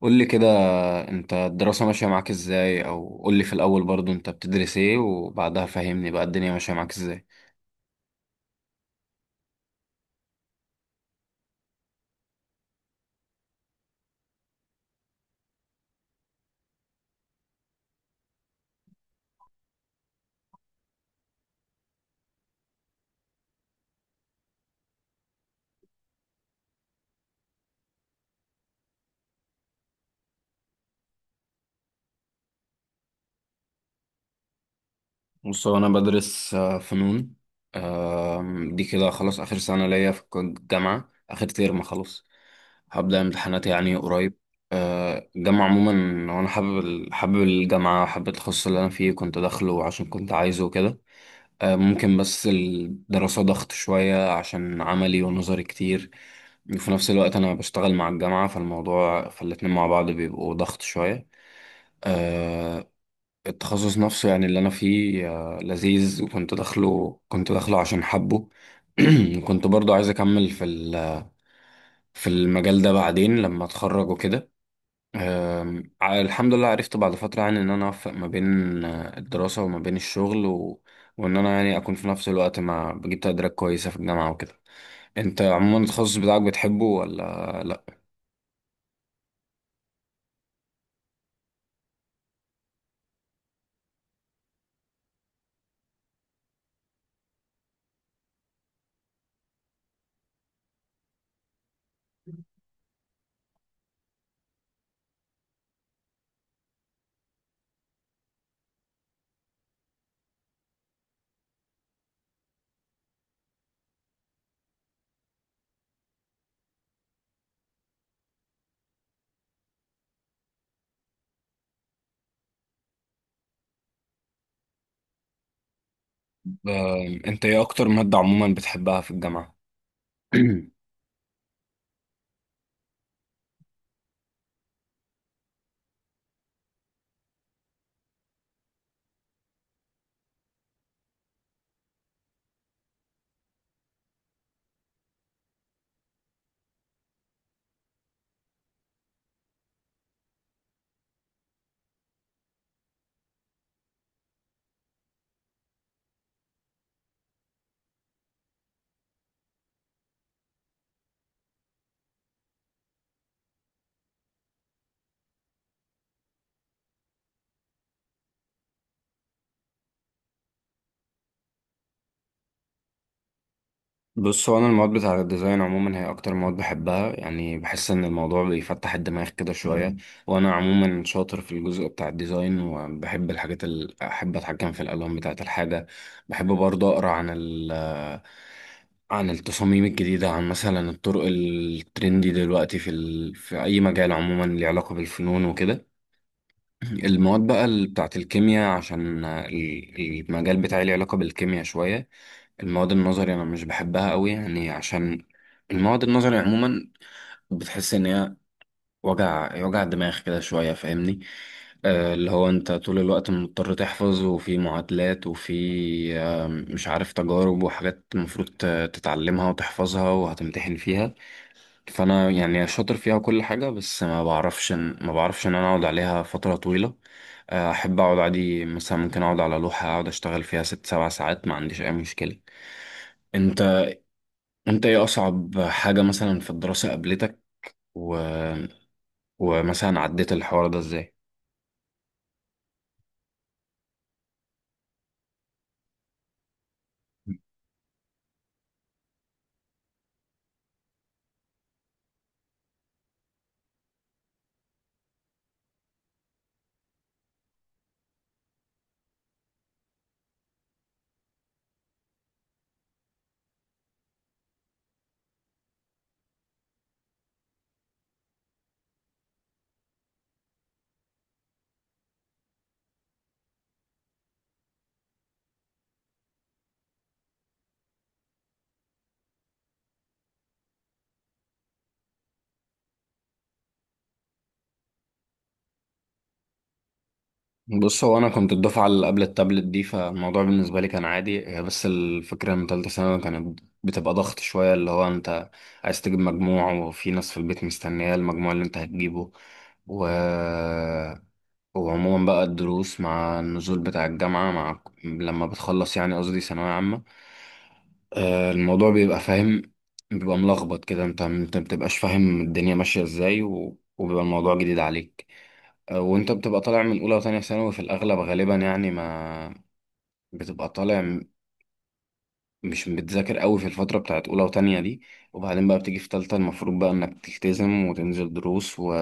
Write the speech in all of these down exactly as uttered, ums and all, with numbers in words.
قول لي كده، انت الدراسة ماشية معاك ازاي؟ او قول لي في الاول برضو انت بتدرس ايه، وبعدها فهمني بقى الدنيا ماشية معاك ازاي؟ بص، هو انا بدرس آه، فنون. آم، دي كده خلاص اخر سنة ليا في الجامعة، اخر ترم خلاص. هبدأ امتحانات يعني قريب. آه، الجامعة عموما، وانا حابب ال- حابب الجامعة، حابب التخصص اللي انا فيه، كنت داخله عشان كنت عايزه وكده. آه، ممكن بس الدراسة ضغط شوية عشان عملي ونظري كتير. وفي نفس الوقت أنا بشتغل مع الجامعة، فالموضوع فالاتنين مع بعض بيبقوا ضغط شوية. آه، التخصص نفسه يعني اللي أنا فيه آه، لذيذ، وكنت داخله كنت داخله عشان حبه. وكنت برضو عايز أكمل في ال- في المجال ده بعدين لما أتخرج وكده. أم، ع- الحمد لله، عرفت بعد فترة يعني إن أنا أوفق ما بين آه، الدراسة وما بين الشغل و... وإن أنا يعني أكون في نفس الوقت مع بجيب تقديرات كويسة في الجامعة وكده. أنت عموما التخصص بتاعك بتحبه ولا لأ؟ أم، أنت إيه أكتر مادة عموما بتحبها في الجامعة؟ بص، هو انا المواد بتاع الديزاين عموما هي اكتر مواد بحبها، يعني بحس ان الموضوع بيفتح الدماغ كده شويه. مم. وانا عموما شاطر في الجزء بتاع الديزاين، وبحب الحاجات اللي احب اتحكم في الالوان بتاعه الحاجه. بحب برضه اقرا عن ال عن التصاميم الجديده، عن مثلا الطرق الترندي دلوقتي في ال... في اي مجال عموما ليه علاقه بالفنون وكده. المواد بقى ال- بتاعة الكيمياء عشان ال- المجال بتاعي ليه علاقة بالكيمياء شوية. المواد النظري أنا مش بحبها قوي يعني عشان المواد النظري عموما بتحس إن هي وجع وجع دماغ كده شوية، فاهمني؟ آه، اللي هو أنت طول الوقت مضطر تحفظ، وفي معادلات وفي آه، مش عارف تجارب وحاجات المفروض ت- تتعلمها وتحفظها وهتمتحن فيها. فانا يعني شاطر فيها كل حاجه، بس ما بعرفش إن- ما بعرفش ان انا اقعد عليها فتره طويله. آه، احب اقعد عادي، مثلا ممكن اقعد على لوحه اقعد اشتغل فيها ست سبع ساعات ما عنديش اي مشكله. انت انت ايه اصعب حاجه مثلا في الدراسه قابلتك، و... ومثلا عديت الحوار ده ازاي؟ بص، هو انا كنت الدفعه اللي قبل التابلت دي، فالموضوع بالنسبه لي كان عادي. هي بس الفكره ان ثالثه ثانوي كانت بتبقى ضغط شويه، اللي هو انت عايز تجيب مجموع وفي ناس في البيت مستنيه المجموع اللي انت هتجيبه، و... وعموما بقى الدروس مع النزول بتاع الجامعه مع لما بتخلص يعني قصدي ثانويه عامه، آه، الموضوع بيبقى فاهم بيبقى ملخبط كده، انت انت ما بتبقاش فاهم الدنيا ماشيه ازاي، و... وبيبقى الموضوع جديد عليك. وانت بتبقى طالع من اولى وتانية ثانوي في الاغلب غالبا، يعني ما بتبقى طالع م- مش بتذاكر قوي في الفترة بتاعت اولى وتانية دي. وبعدين بقى بتيجي في تالتة، المفروض بقى انك تلتزم وتنزل دروس و...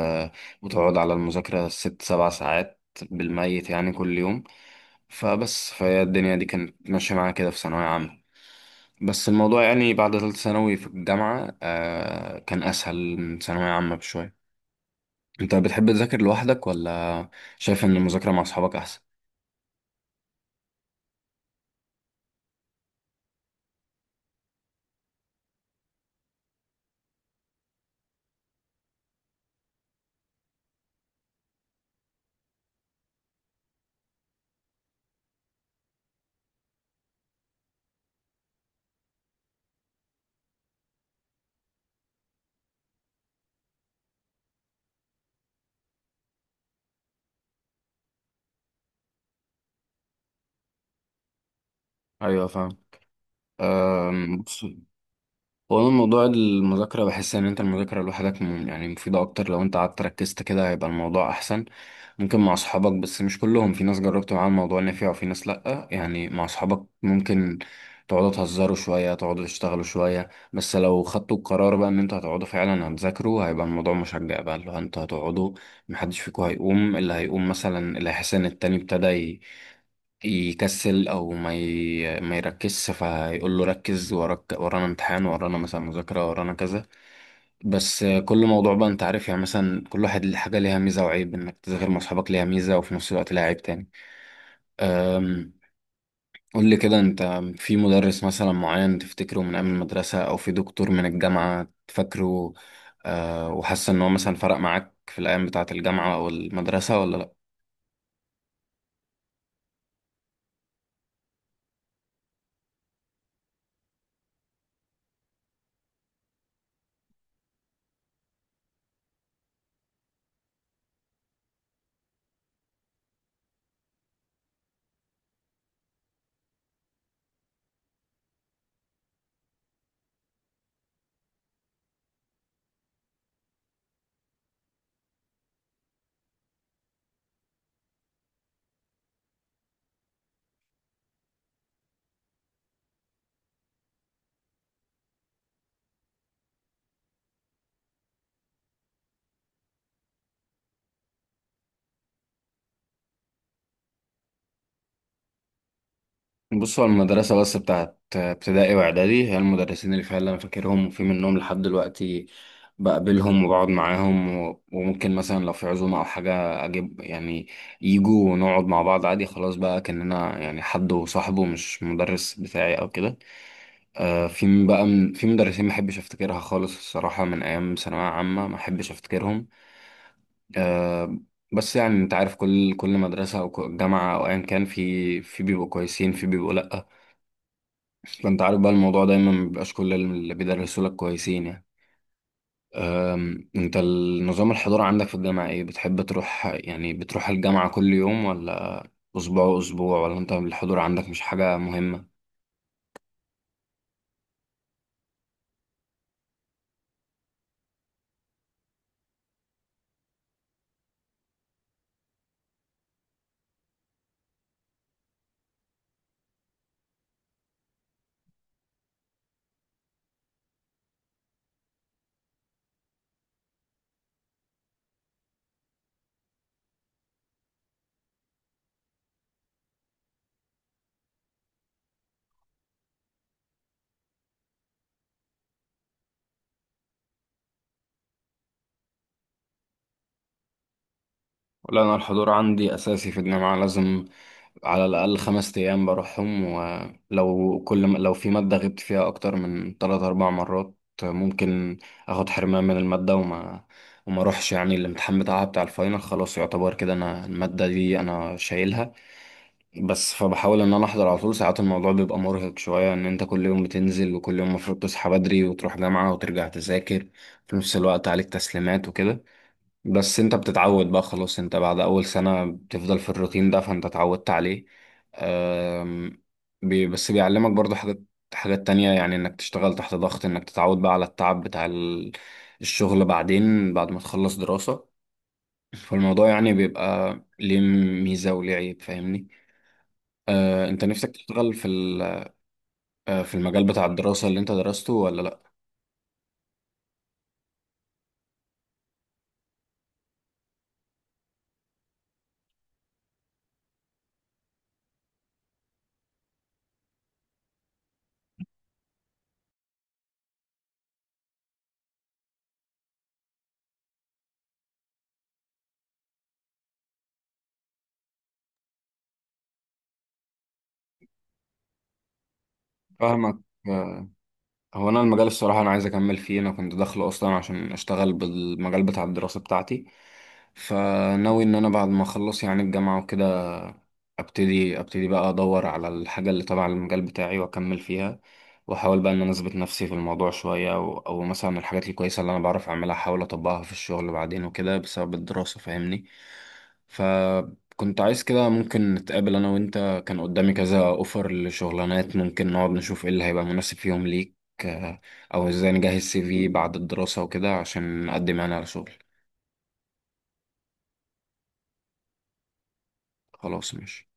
وتقعد على المذاكرة ست سبع ساعات بالميت يعني كل يوم. فبس، فهي الدنيا دي كانت ماشية معايا كده في ثانوية عامة. بس الموضوع يعني بعد تالتة ثانوي في الجامعة آه كان أسهل من ثانوية عامة بشوية. أنت بتحب تذاكر لوحدك، ولا شايف إن المذاكرة مع أصحابك أحسن؟ أيوة، فاهم. أم، بص، هو أنا موضوع المذاكرة بحس إن أنت المذاكرة لوحدك م- يعني مفيدة أكتر، لو أنت قعدت ركزت كده هيبقى الموضوع أحسن. ممكن مع أصحابك، بس مش كلهم، في ناس جربت معاهم الموضوع نفع وفي ناس لأ. يعني مع أصحابك ممكن تقعدوا تهزروا شوية تقعدوا تشتغلوا شوية، بس لو خدتوا القرار بقى إن أنتوا هتقعدوا فعلا هتذاكروا هيبقى الموضوع مشجع، بقى اللي هو أنتوا هتقعدوا، محدش فيكم هيقوم. اللي هيقوم مثلا اللي هيحس إن التاني ابتدى يكسل او ما ي... ما يركزش فيقول له ركز، وراك ورانا امتحان، ورانا مثلا مذاكرة، ورانا كذا. بس كل موضوع بقى انت عارف، يعني مثلا كل واحد ليه حاجة ليها ميزة وعيب، انك تذاكر مع اصحابك ليها ميزة وفي نفس الوقت ليها عيب تاني. أم، قول لي كده، انت في مدرس مثلا معين تفتكره من ايام المدرسة او في دكتور من الجامعة تفكره؟ أه وحاسس ان هو مثلا فرق معاك في الايام بتاعة الجامعة او المدرسة، ولا لا؟ بصوا، المدرسة بس بتاعت ابتدائي وإعدادي هي المدرسين اللي فعلا أنا فاكرهم، وفي منهم لحد دلوقتي بقابلهم وبقعد معاهم، و- وممكن مثلا لو في عزومة أو حاجة أجيب، يعني يجوا ونقعد مع بعض عادي، خلاص بقى كأننا يعني حد وصاحبه، مش مدرس بتاعي أو كده. آه، في م- بقى من في مدرسين ما أحبش أفتكرها خالص الصراحة من أيام ثانوية عامة، ما أحبش أفتكرهم. آه، بس يعني أنت عارف، كل كل مدرسة أو ك- جامعة أو أيا كان، في في بيبقوا كويسين في بيبقوا لأ. اصل انت عارف بقى الموضوع دايما مبيبقاش كل اللي بيدرسوا لك كويسين يعني. أم، انت النظام الحضور عندك في الجامعة ايه؟ بتحب تروح، يعني بتروح الجامعة كل يوم، ولا اسبوع اسبوع، ولا انت الحضور عندك مش حاجة مهمة؟ لا، أنا الحضور عندي أساسي في الجامعة، لازم على الأقل خمس أيام بروحهم، ولو كل م- لو في مادة غبت فيها أكتر من تلات أربع مرات ممكن أخد حرمان من المادة، وما وما أروحش يعني الامتحان بتاعها بتاع الفاينل، خلاص يعتبر كده أنا المادة دي أنا شايلها. بس فبحاول ان انا احضر على طول، ساعات الموضوع بيبقى مرهق شوية ان انت كل يوم بتنزل وكل يوم المفروض تصحى بدري وتروح جامعة وترجع تذاكر، في نفس الوقت عليك تسليمات وكده. بس انت بتتعود بقى خلاص، انت بعد اول سنة بتفضل في الروتين ده فانت اتعودت عليه. أم، بي بس بيعلمك برضو حاجات حاجات تانية، يعني انك تشتغل تحت ضغط، انك تتعود بقى على التعب بتاع ال- الشغل بعدين بعد ما تخلص دراسة. فالموضوع يعني بيبقى ليه ميزة وليه عيب، فاهمني. أه، انت نفسك تشتغل في ال- أه، في المجال بتاع الدراسة اللي انت درسته، ولا لا؟ فاهمك. هو انا المجال الصراحه انا عايز اكمل فيه، انا كنت داخله اصلا عشان اشتغل بالمجال بتاع الدراسه بتاعتي. فناوي ان انا بعد ما اخلص يعني الجامعه وكده ابتدي ابتدي بقى ادور على الحاجه اللي تبع المجال بتاعي واكمل فيها. واحاول بقى ان انا اثبت نفسي في الموضوع شويه، او, أو مثلا الحاجات الكويسه اللي انا بعرف اعملها احاول اطبقها في الشغل بعدين وكده بسبب الدراسه، فاهمني. فكنت عايز كده ممكن نتقابل انا وانت، كان قدامي كذا اوفر لشغلانات، ممكن نقعد نشوف ايه اللي هيبقى مناسب فيهم ليك. آه، او ازاي نجهز سي في بعد الدراسه وكده عشان نقدم انا على شغل. خلاص، ماشي.